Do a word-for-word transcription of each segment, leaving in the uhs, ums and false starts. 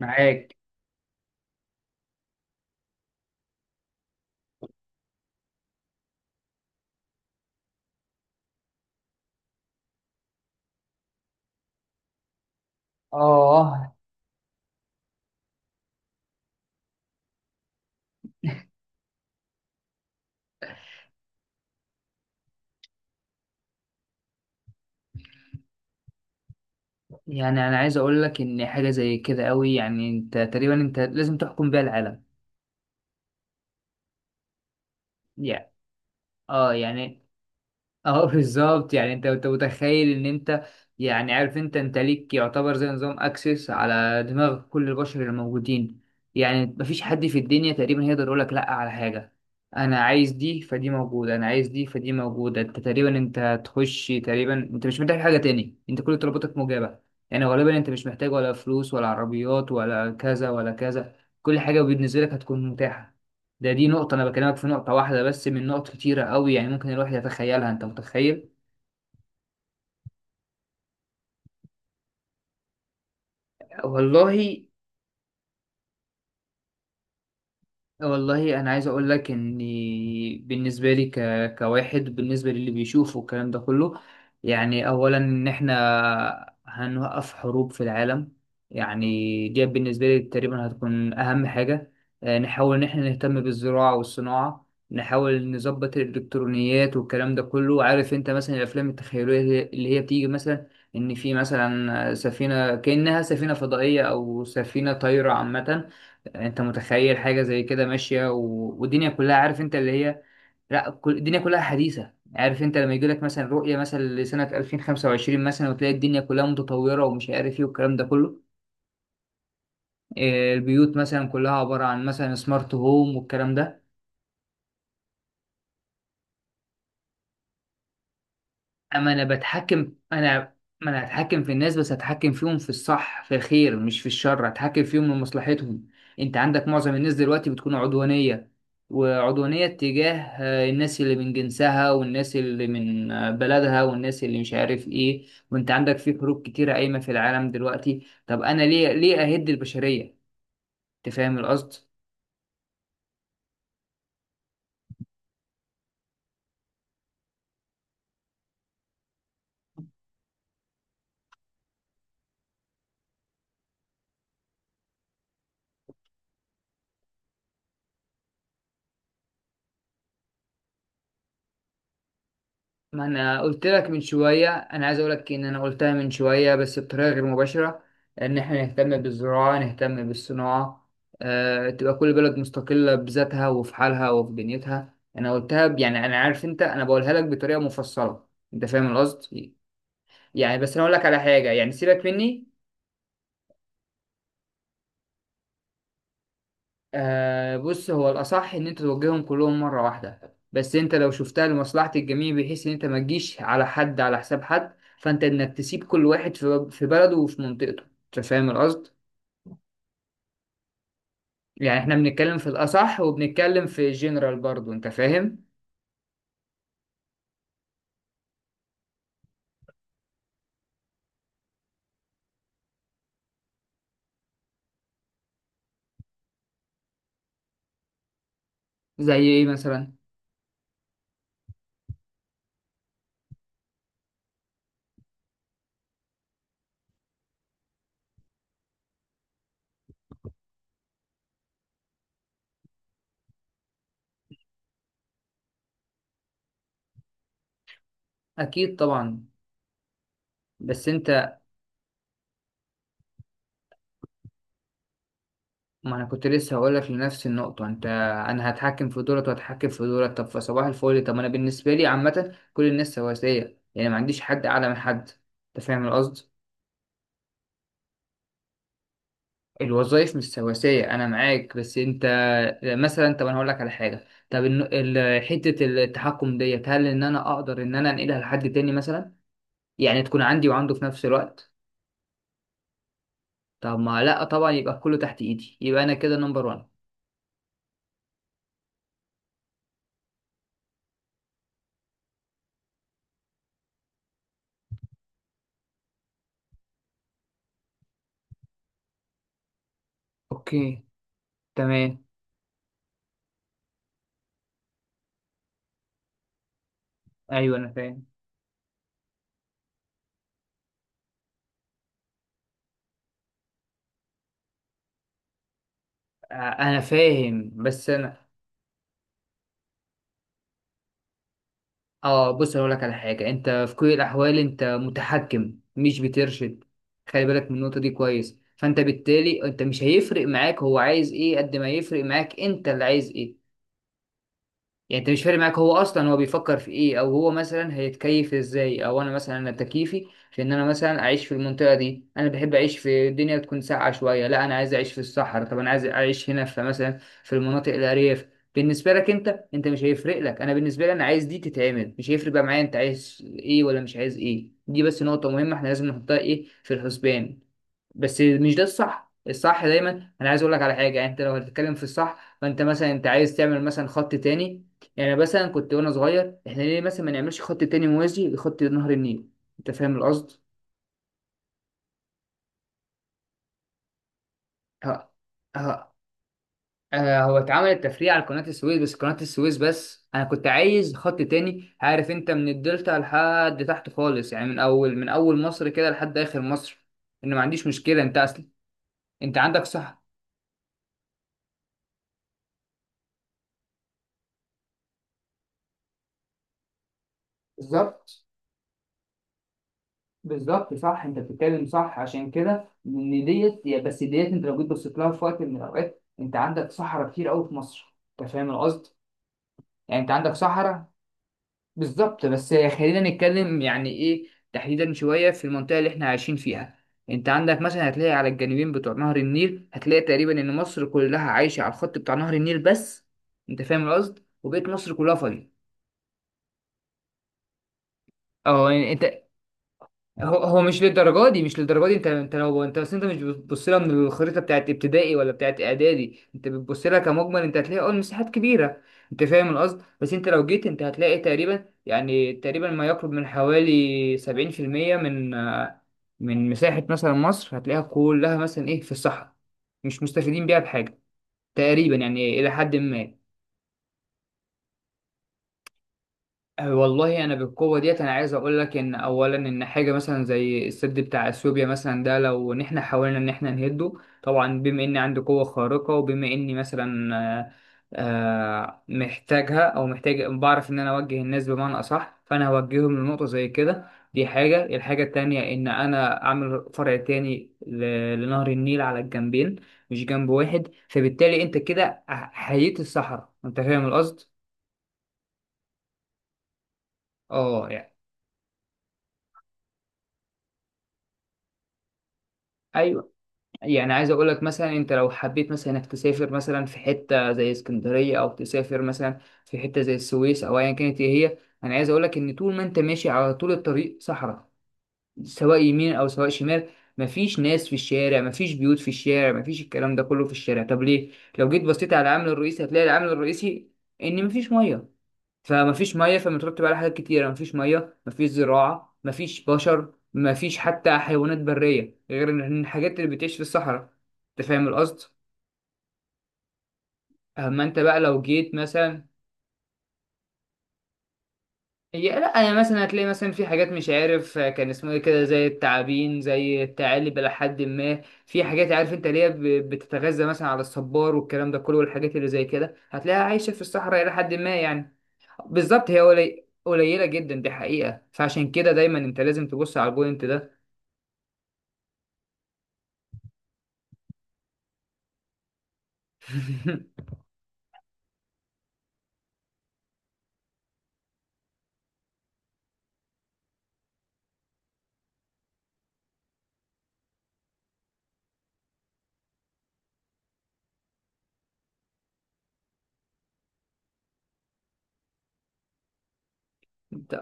معاك. اه. يعني انا عايز اقول لك ان حاجه زي كده قوي، يعني انت تقريبا انت لازم تحكم بيها العالم. يعني، اه، يعني، اه بالظبط، يعني انت انت متخيل ان انت، يعني عارف انت انت ليك يعتبر زي نظام اكسس على دماغ كل البشر اللي موجودين. يعني مفيش حد في الدنيا تقريبا هيقدر يقول لك لا على حاجه. انا عايز دي فدي موجوده، انا عايز دي فدي موجوده، انت تقريبا انت هتخش، تقريبا انت مش محتاج حاجه تاني، انت كل طلباتك مجابه. يعني غالبا انت مش محتاج ولا فلوس ولا عربيات ولا كذا ولا كذا. كل حاجه بالنسبه لك هتكون متاحه. ده دي نقطة، أنا بكلمك في نقطة واحدة بس من نقط كتيرة أوي، يعني ممكن الواحد يتخيلها. أنت متخيل؟ والله. والله انا عايز اقول لك ان بالنسبه لي ك... كواحد بالنسبه للي بيشوف والكلام ده كله. يعني اولا ان احنا هنوقف حروب في العالم، يعني دي بالنسبه لي تقريبا هتكون اهم حاجه. آه، نحاول ان احنا نهتم بالزراعه والصناعه، نحاول نظبط الالكترونيات والكلام ده كله. عارف انت مثلا الافلام التخيليه اللي اللي هي بتيجي مثلا ان في مثلا سفينه كانها سفينه فضائيه او سفينه طايره عامه. انت متخيل حاجه زي كده ماشيه و... والدنيا كلها؟ عارف انت اللي هي، لا، كل... الدنيا كلها حديثه. عارف انت لما يجي لك مثلا رؤيه مثلا لسنه ألفين وخمسة وعشرين مثلا وتلاقي الدنيا كلها متطوره ومش عارف ايه والكلام ده كله. آه، البيوت مثلا كلها عباره عن مثلا سمارت هوم والكلام ده. اما انا بتحكم انا، ما انا هتحكم في الناس بس هتحكم فيهم في الصح، في الخير مش في الشر، هتحكم فيهم لمصلحتهم. انت عندك معظم الناس دلوقتي بتكون عدوانية، وعدوانية تجاه آه، الناس اللي من جنسها، والناس اللي من آه، بلدها، والناس اللي مش عارف ايه، وانت عندك في حروب كتيرة قايمة في العالم دلوقتي. طب انا ليه، ليه اهد البشرية؟ انت فاهم القصد؟ ما انا قلت لك من شويه، انا عايز اقول لك ان انا قلتها من شويه بس بطريقه غير مباشره، ان احنا نهتم بالزراعه نهتم بالصناعه. أه تبقى كل بلد مستقله بذاتها وفي حالها وفي دنيتها. انا قلتها ب- يعني انا عارف انت، انا بقولها لك بطريقه مفصله. انت فاهم القصد؟ يعني بس انا اقول لك على حاجه، يعني سيبك مني. آه بص، هو الأصح إن أنت توجههم كلهم مرة واحدة، بس أنت لو شفتها لمصلحة الجميع بحيث إن أنت ما تجيش على حد على حساب حد، فأنت إنك تسيب كل واحد في في بلده وفي منطقته. أنت فاهم القصد؟ يعني إحنا بنتكلم في الأصح وبنتكلم في جنرال برضه. أنت فاهم؟ زي إيه مثلا؟ أكيد طبعا. بس أنت، ما أنا كنت لسه هقولك لنفس النقطة. أنت، أنا هتحكم في دولت وهتحكم في دولت، طب فصباح الفل. طب أنا بالنسبة لي عامة كل الناس سواسية، يعني ما عنديش حد أعلى من حد. أنت فاهم القصد؟ الوظائف مش سواسية أنا معاك، بس أنت مثلا، طب أنا هقول لك على حاجة. طب إن- ال- حتة التحكم ديت، هل إن أنا أقدر إن أنا أنقلها لحد تاني مثلا؟ يعني تكون عندي وعنده في نفس الوقت؟ طب ما لأ طبعا، يبقى كله تحت إيدي، يبقى أنا كده نمبر وان. أوكي. تمام. أيوه أنا فاهم. آه، أنا فاهم بس أنا، اه بص اقول لك على حاجه، انت في كل الاحوال انت متحكم مش بترشد. خلي بالك من النقطه دي كويس. فانت بالتالي انت مش هيفرق معاك هو عايز ايه، قد ما يفرق معاك انت اللي عايز ايه. يعني انت مش فارق معاك هو اصلا هو بيفكر في ايه، او هو مثلا هيتكيف ازاي، او انا مثلا انا تكييفي في ان انا مثلا اعيش في المنطقه دي. انا بحب اعيش في الدنيا تكون ساقعه شويه، لا انا عايز اعيش في الصحراء، طب انا عايز اعيش هنا في مثلا في المناطق الارياف. بالنسبه لك انت، انت مش هيفرق لك. انا بالنسبه لي انا عايز دي تتعمل، مش هيفرق بقى معايا انت عايز ايه ولا مش عايز ايه. دي بس نقطه مهمه احنا لازم نحطها ايه في الحسبان. بس مش ده الصح، الصح دايما. انا عايز اقول لك على حاجه، يعني انت لو هتتكلم في الصح، فانت مثلا انت عايز تعمل مثلا خط تاني. يعني مثلا كنت وانا صغير، احنا ليه مثلا ما نعملش خط تاني موازي لخط نهر النيل؟ انت فاهم القصد؟ ها. ها. آه، هو اتعمل التفريع على قناة السويس بس، قناة السويس بس، انا كنت عايز خط تاني. عارف انت من الدلتا لحد تحت خالص، يعني من اول، من اول مصر كده لحد اخر مصر. ان ما عنديش مشكلة انت اصلا، انت عندك صح. بالظبط. بالظبط صح، انت بتتكلم صح. عشان كده ان ديت يا- بس ديت، انت لو جيت بصيت لها في وقت من الاوقات، انت عندك صحراء كتير قوي في مصر. انت فاهم القصد؟ يعني انت عندك صحراء. بالظبط بس خلينا نتكلم يعني ايه تحديدا شويه في المنطقه اللي احنا عايشين فيها. انت عندك مثلا هتلاقي على الجانبين بتوع نهر النيل، هتلاقي تقريبا ان مصر كلها عايشه على الخط بتاع نهر النيل بس. انت فاهم القصد؟ وبقيت مصر كلها فاضيه. اه انت، هو هو مش للدرجه دي، مش للدرجه دي. انت انت لو انت اصل انت مش بتبص لها من الخريطه بتاعت ابتدائي ولا بتاعت اعدادي، انت بتبص لها كمجمل. انت هتلاقي اه المساحات كبيره. انت فاهم القصد؟ بس انت لو جيت انت هتلاقي تقريبا يعني تقريبا ما يقرب من حوالي سبعين في المية من آه، من مساحه مثلا مصر، هتلاقيها كلها مثلا ايه في الصحراء. مش مستفيدين بيها بحاجه تقريبا يعني الى حد ما. آه، والله انا بالقوه ديت انا عايز اقول لك ان اولا ان حاجه مثلا زي السد بتاع اثيوبيا مثلا ده، لو ان احنا حاولنا ان احنا نهده، طبعا بما اني عندي قوه خارقه وبما اني مثلا آه، آه، محتاجها او محتاج بعرف ان انا اوجه الناس بمعنى اصح، فانا هوجههم لنقطه زي كده. دي حاجه. الحاجه التانية ان انا اعمل فرع تاني ل- لنهر النيل على الجنبين، مش جنب واحد. فبالتالي انت كده حييت الصحراء. انت فاهم القصد؟ اه يعني. ايوه يعني، عايز اقول لك مثلا انت لو حبيت مثلا انك تسافر مثلا في حته زي اسكندريه، او تسافر مثلا في حته زي السويس، او ايا كانت ايه هي. انا عايز اقول لك ان طول ما انت ماشي على طول الطريق صحراء، سواء يمين او سواء شمال. مفيش ناس في الشارع، مفيش بيوت في الشارع، مفيش الكلام ده كله في الشارع. طب ليه؟ لو جيت بصيت على العامل الرئيسي هتلاقي العامل الرئيسي ان مفيش ميه. فمفيش ميه فمترتب على حاجات كتيره، مفيش ميه، مفيش زراعه، مفيش بشر، مفيش حتى حيوانات بريه غير إن الحاجات اللي بتعيش في الصحراء. انت فاهم القصد؟ اما انت بقى لو جيت مثلا، هي لا، يعني مثلا هتلاقي مثلا في حاجات مش عارف آه، كان اسمه ايه كده، زي التعابين زي الثعالب الى حد ما. في حاجات عارف انت اللي هي ب- بتتغذى مثلا على الصبار والكلام ده كله، والحاجات اللي زي كده هتلاقيها عايشه في الصحراء الى حد ما يعني. بالظبط، هي قلي... قليلة جدا دي حقيقة. فعشان كده دايما انت لازم تبص على البوينت ده. انت.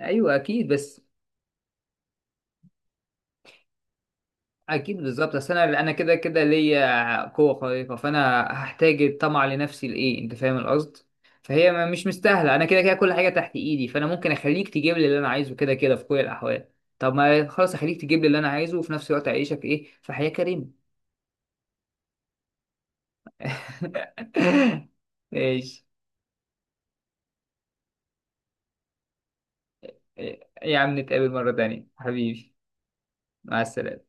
ايوه اكيد بس، اكيد بالظبط. اصل انا انا كده كده ليا قوة خارقة، فانا هحتاج الطمع لنفسي لايه؟ انت فاهم القصد؟ فهي ما- مش مستاهلة. انا كده كده كل حاجة تحت ايدي، فانا ممكن اخليك تجيب لي اللي انا عايزه كده كده في كل الاحوال. طب ما خلاص، اخليك تجيب لي اللي انا عايزه وفي نفس الوقت اعيشك ايه في حياة كريمة. ماشي. يا عم نتقابل مرة تانية حبيبي. مع السلامة.